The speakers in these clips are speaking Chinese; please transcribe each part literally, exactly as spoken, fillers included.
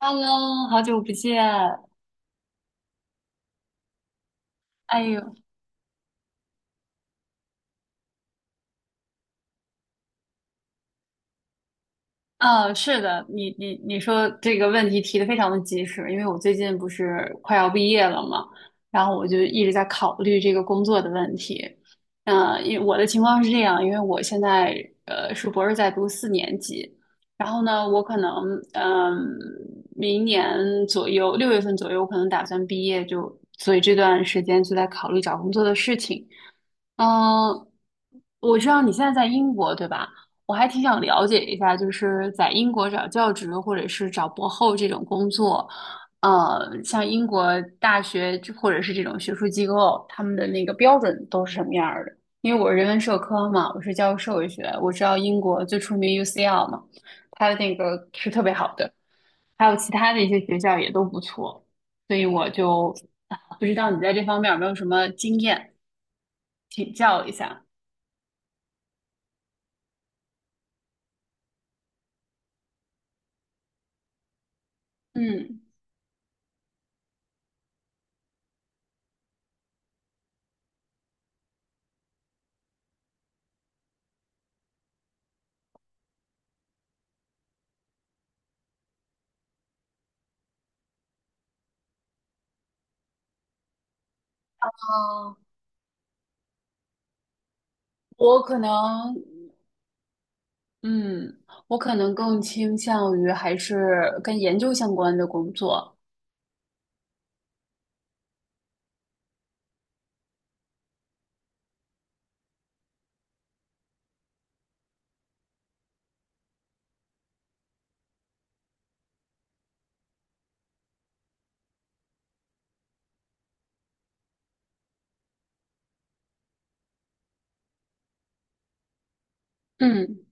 Hello，好久不见。哎呦，啊，是的，你你你说这个问题提的非常的及时，因为我最近不是快要毕业了嘛，然后我就一直在考虑这个工作的问题。嗯、因为我的情况是这样，因为我现在呃是博士在读四年级，然后呢，我可能嗯、明年左右六月份左右，我可能打算毕业就，所以这段时间就在考虑找工作的事情。嗯，我知道你现在在英国，对吧？我还挺想了解一下，就是在英国找教职或者是找博后这种工作，呃，像英国大学或者是这种学术机构，他们的那个标准都是什么样儿的？因为我是人文社科嘛，我是教社会学，我知道英国最出名 U C L 嘛，它的那个是特别好的，还有其他的一些学校也都不错，所以我就啊不知道你在这方面有没有什么经验，请教一下。嗯，啊，我可能，嗯，我可能更倾向于还是跟研究相关的工作。嗯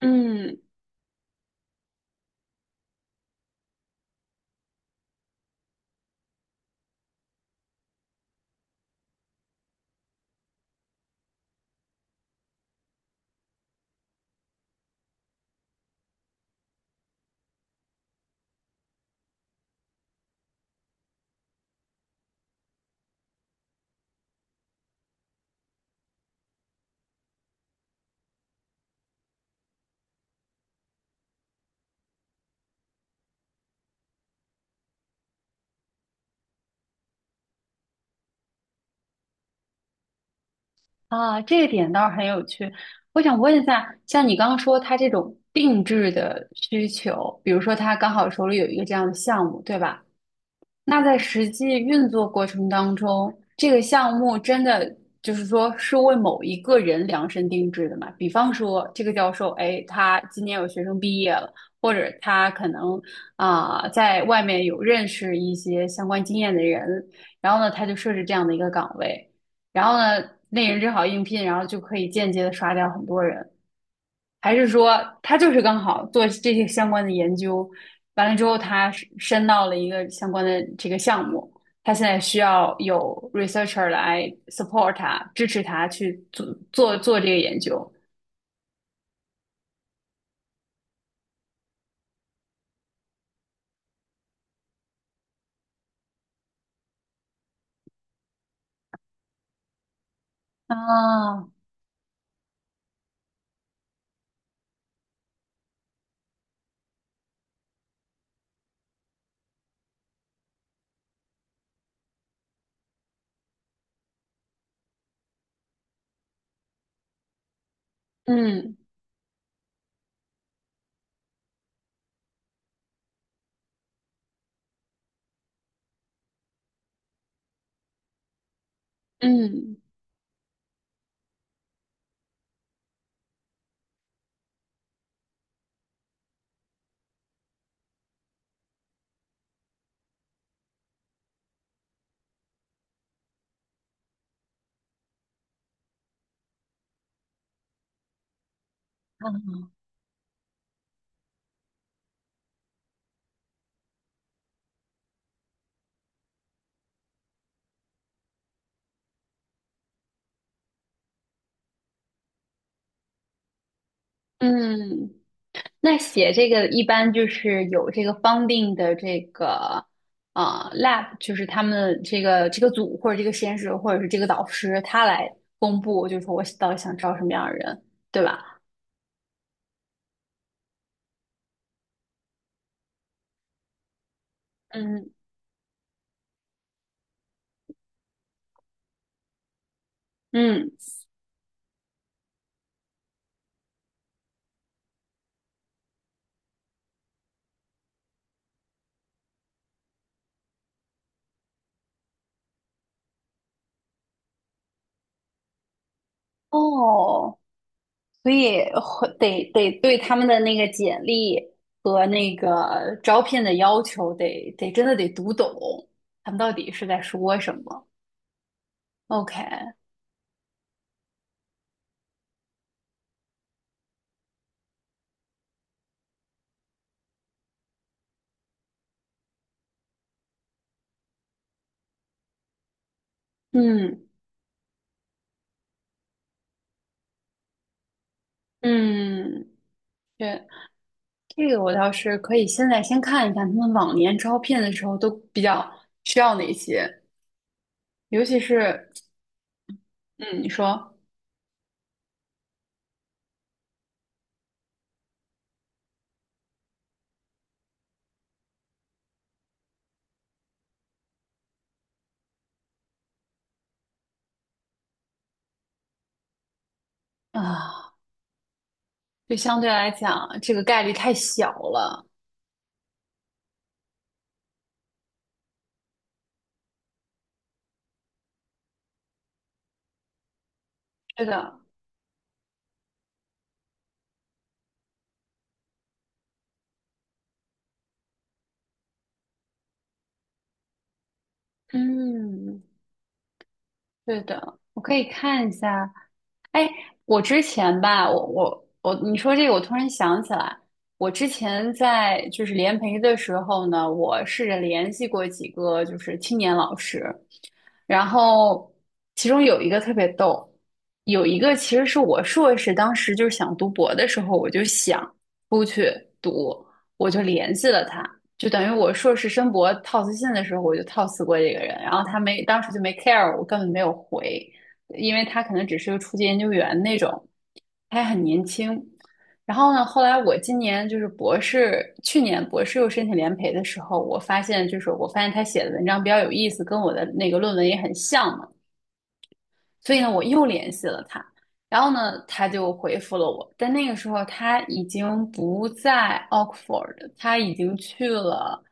嗯，啊，这个点倒是很有趣。我想问一下，像你刚刚说他这种定制的需求，比如说他刚好手里有一个这样的项目，对吧？那在实际运作过程当中，这个项目真的就是说是为某一个人量身定制的嘛？比方说，这个教授，哎，他今年有学生毕业了，或者他可能啊、在外面有认识一些相关经验的人，然后呢，他就设置这样的一个岗位，然后呢，那人正好应聘，然后就可以间接的刷掉很多人。还是说他就是刚好做这些相关的研究，完了之后他申到了一个相关的这个项目，他现在需要有 researcher 来 support 他，支持他去做做做这个研究。啊，嗯嗯嗯嗯。那写这个一般就是有这个 funding 的这个啊 lab,就是他们这个这个组或者这个实验室或者是这个导师他来公布，就是说我到底想招什么样的人，对吧？嗯，嗯，哦，所以会得得对他们的那个简历和那个招聘的要求得得真的得读懂，他们到底是在说什么。OK,嗯嗯，对，这个我倒是可以现在先看一看他们往年招聘的时候都比较需要哪些，尤其是嗯，你说啊，就相对来讲这个概率太小了。对的，嗯，对的，我可以看一下哎，我之前吧，我我我，你说这个，我突然想起来，我之前在就是联培的时候呢，我试着联系过几个就是青年老师，然后其中有一个特别逗，有一个其实是我硕士当时就是想读博的时候，我就想出去读，我就联系了他，就等于我硕士申博套词信的时候，我就套词过这个人，然后他没当时就没 care,我根本没有回。因为他可能只是个初级研究员那种，他还很年轻。然后呢，后来我今年就是博士，去年博士又申请联培的时候，我发现就是我发现他写的文章比较有意思，跟我的那个论文也很像嘛，所以呢，我又联系了他。然后呢，他就回复了我，但那个时候他已经不在 Oxford,他已经去了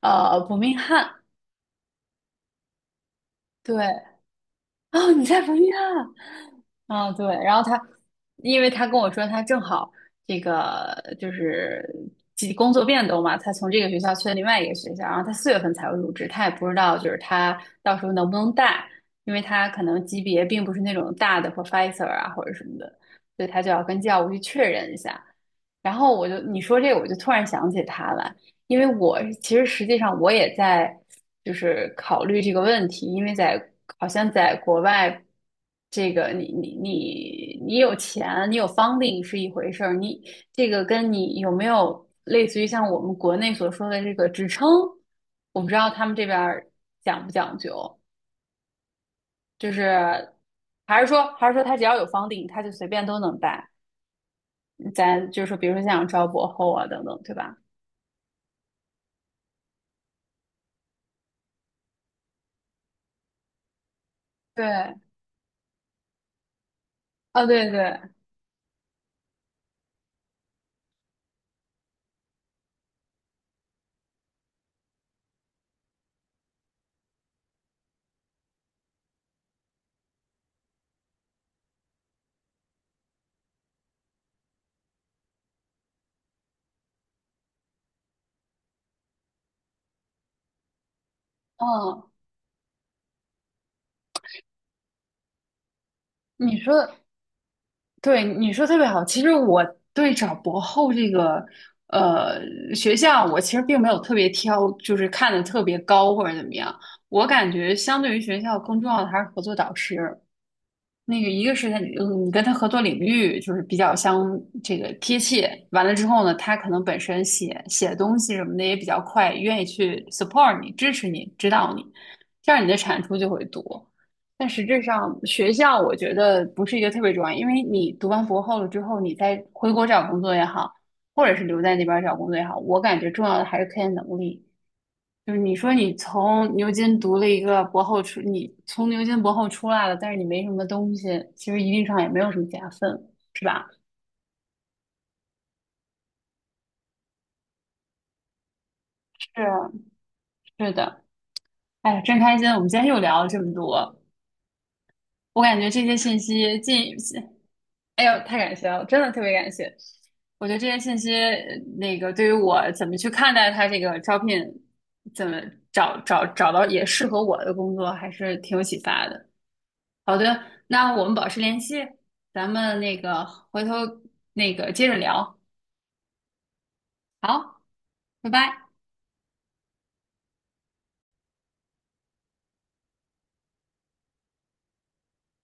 呃伯明翰。对，哦，你在伯明翰。啊，对，然后他，因为他跟我说他正好这个就是几工作变动嘛，他从这个学校去了另外一个学校，然后他四月份才会入职，他也不知道就是他到时候能不能带，因为他可能级别并不是那种大的 professor 啊或者什么的，所以他就要跟教务去确认一下。然后我就你说这个，我就突然想起他来，因为我其实实际上我也在就是考虑这个问题，因为在好像在国外，这个你你你你有钱，你有 funding 是一回事儿，你这个跟你有没有类似于像我们国内所说的这个职称，我不知道他们这边儿讲不讲究，就是还是说还是说他只要有 funding,他就随便都能带，咱就是比如说像招博后啊等等，对吧？对，啊对对，嗯。你说，对，你说特别好。其实我对找博后这个呃学校，我其实并没有特别挑，就是看的特别高或者怎么样。我感觉相对于学校更重要的还是合作导师。那个一个是他，嗯，你跟他合作领域就是比较相这个贴切，完了之后呢，他可能本身写写东西什么的也比较快，愿意去 support 你、支持你、指导你，这样你的产出就会多。但实质上，学校我觉得不是一个特别重要，因为你读完博后了之后，你再回国找工作也好，或者是留在那边儿找工作也好，我感觉重要的还是科研能力。就是你说你从牛津读了一个博后出，你从牛津博后出来了，但是你没什么东西，其实一定上也没有什么加分，是吧？是啊，是的，哎呀，真开心！我们今天又聊了这么多，我感觉这些信息进，哎呦，太感谢了，真的特别感谢。我觉得这些信息，呃那个对于我怎么去看待他这个招聘，怎么找找找到也适合我的工作，还是挺有启发的。好的，那我们保持联系，咱们那个回头那个接着聊。好，拜拜。